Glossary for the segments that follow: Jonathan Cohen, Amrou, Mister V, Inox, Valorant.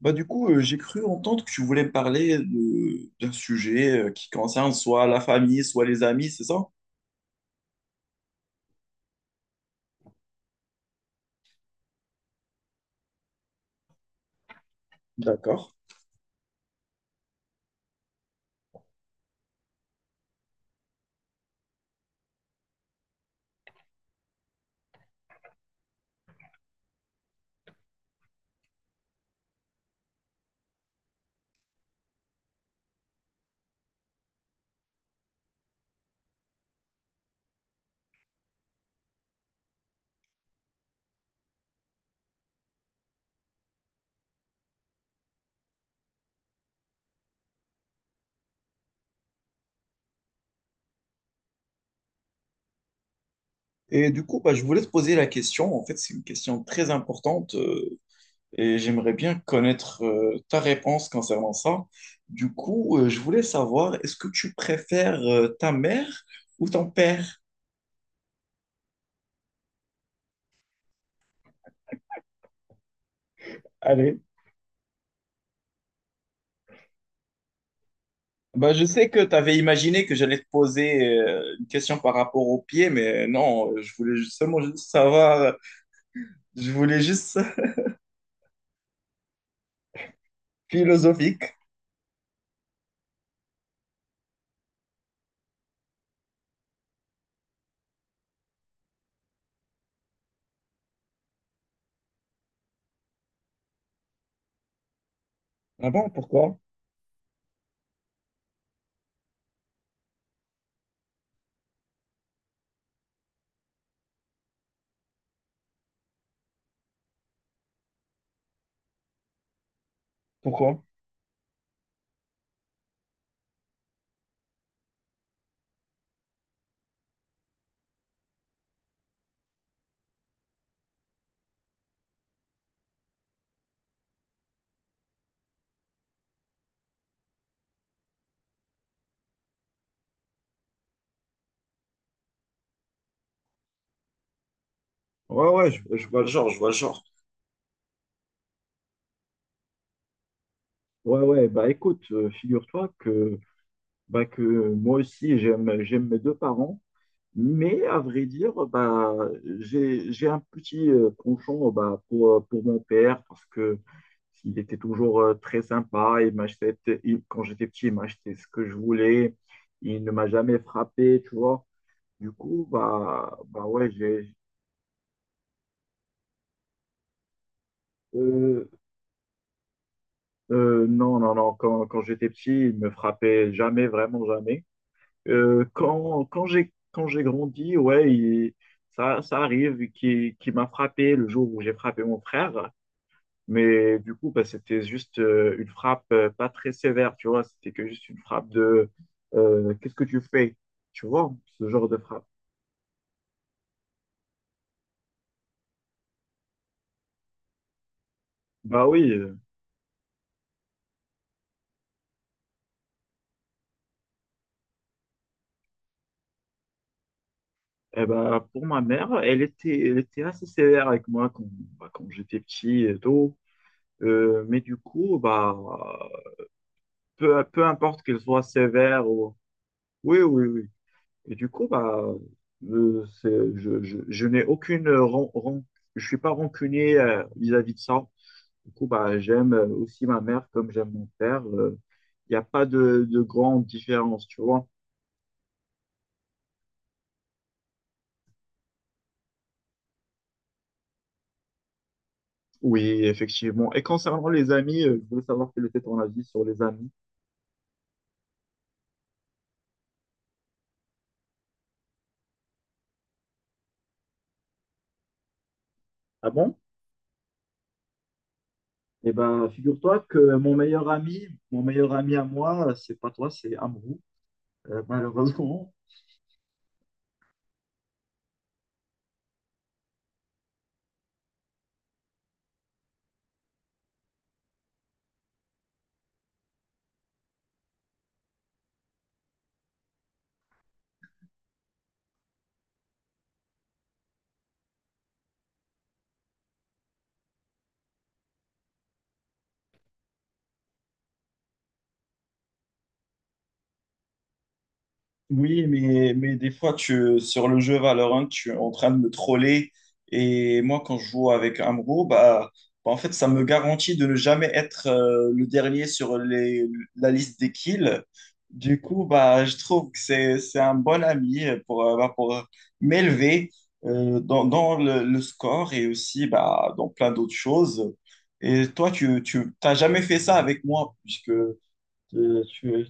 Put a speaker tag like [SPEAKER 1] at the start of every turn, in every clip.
[SPEAKER 1] J'ai cru entendre que tu voulais me parler d'un sujet qui concerne soit la famille, soit les amis, c'est ça? D'accord. Et du coup, bah, je voulais te poser la question. En fait, c'est une question très importante, et j'aimerais bien connaître ta réponse concernant ça. Du coup, je voulais savoir, est-ce que tu préfères ta mère ou ton père? Allez. Bah, je sais que tu avais imaginé que j'allais te poser une question par rapport au pied, mais non, je voulais seulement juste savoir, je voulais juste philosophique. Ah bon, pourquoi? Pourquoi? Ouais, ouais, je vois le genre, je vois le genre. Ouais, ouais, bah écoute, figure-toi que, bah, que moi aussi, j'aime mes deux parents, mais à vrai dire, bah, j'ai un petit penchant bah, pour mon père parce que il était toujours très sympa, il m'achetait, quand j'étais petit, il m'achetait ce que je voulais, il ne m'a jamais frappé, tu vois. Du coup, bah, bah ouais, j'ai, euh, euh, non, non, non. Quand j'étais petit, il me frappait jamais, vraiment jamais. Quand j'ai grandi, ouais, il- ça, ça arrive. Qui M'a frappé le jour où j'ai frappé mon frère. Mais du coup, bah, c'était juste une frappe pas très sévère, tu vois. C'était que juste une frappe de qu'est-ce que tu fais? Tu vois, ce genre de frappe. Bah oui. Euh, eh ben, pour ma mère, elle était assez sévère avec moi quand, bah, quand j'étais petit et tout. Mais du coup, bah, peu importe qu'il soit sévère ou... Oui, oui, oui. Et du coup, bah, c'est, je n'ai aucune... Je suis pas rancunier vis-à-vis de ça. Du coup, bah, j'aime aussi ma mère comme j'aime mon père. Il n'y a pas de, de grande différence, tu vois. Oui, bon. Et quand les amis, je voulais savoir quel était ton avis sur les amis. Ah bon? Eh ben, figure-toi que mon meilleur ami à moi, c'est pas toi, c'est Amrou. Malheureusement, oui, mais des fois, tu, sur le jeu Valorant, tu es en train de me troller. Et moi, quand je joue avec Amro, bah, bah, en fait, ça me garantit de ne jamais être le dernier sur les, la liste des kills. Du coup, bah, je trouve que c'est un bon ami pour, bah, pour m'élever, dans, dans le score et aussi bah, dans plein d'autres choses. Et toi, tu t'as jamais fait ça avec moi, puisque tu,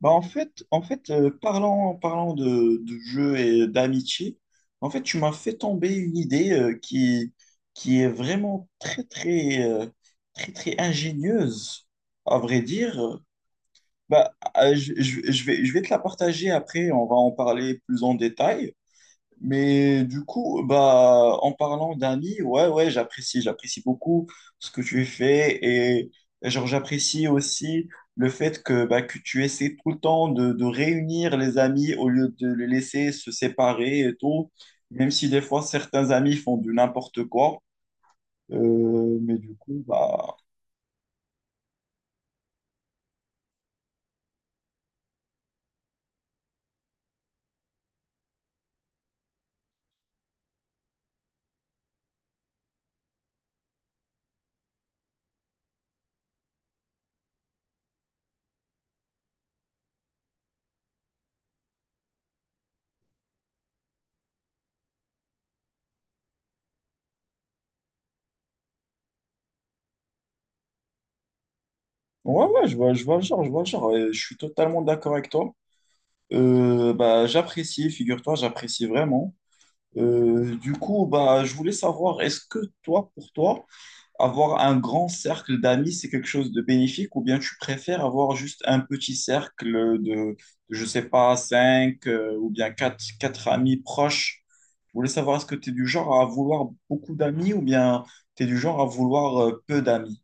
[SPEAKER 1] bah en fait parlant, parlant de jeu et d'amitié, en fait, tu m'as fait tomber une idée qui est vraiment très, très, très, très ingénieuse, à vrai dire. Bah, je, je vais te la partager après, on va en parler plus en détail. Mais du coup, bah, en parlant d'amis, ouais, ouais, j'apprécie beaucoup ce que tu fais et genre, j'apprécie aussi le fait que, bah, que tu essaies tout le temps de réunir les amis au lieu de les laisser se séparer et tout, même si des fois certains amis font du n'importe quoi. Mais du coup, bah, ouais, ouais, je vois le genre, je vois le genre, et je suis totalement d'accord avec toi. Bah, j'apprécie, figure-toi, j'apprécie vraiment. Du coup, bah, je voulais savoir, est-ce que toi, pour toi, avoir un grand cercle d'amis, c'est quelque chose de bénéfique ou bien tu préfères avoir juste un petit cercle de, je sais pas, cinq ou bien quatre, quatre amis proches? Je voulais savoir, est-ce que tu es du genre à vouloir beaucoup d'amis ou bien tu es du genre à vouloir peu d'amis?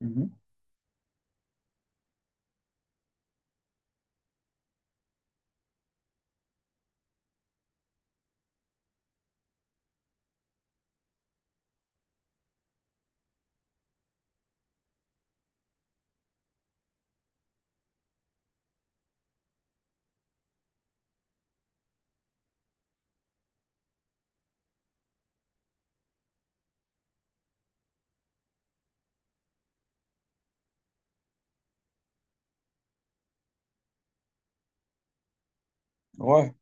[SPEAKER 1] Mhm. Ouais.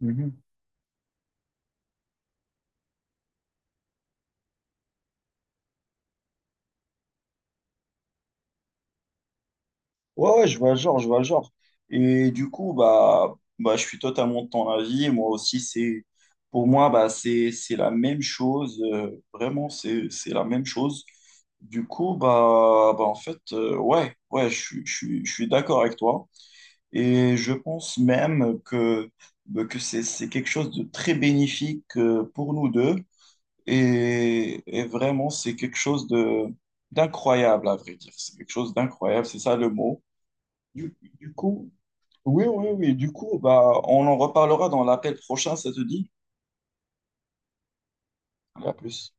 [SPEAKER 1] Mhm. Ouais, ouais, je vois le genre, je vois le genre. Et du coup, bah, bah, je suis totalement de ton avis. Moi aussi, c'est, pour moi, bah, c'est la même chose. Euh, vraiment, c'est la même chose. Du coup, bah, bah en fait, ouais, ouais, je, je suis d'accord avec toi. Et je pense même que, bah, que c'est quelque chose de très bénéfique pour nous deux. Et vraiment, c'est quelque chose de, d'incroyable, à vrai dire. C'est quelque chose d'incroyable, c'est ça le mot. Du coup, oui, oui, oui. Du coup, bah, on en reparlera dans l'appel prochain, ça te dit? À plus.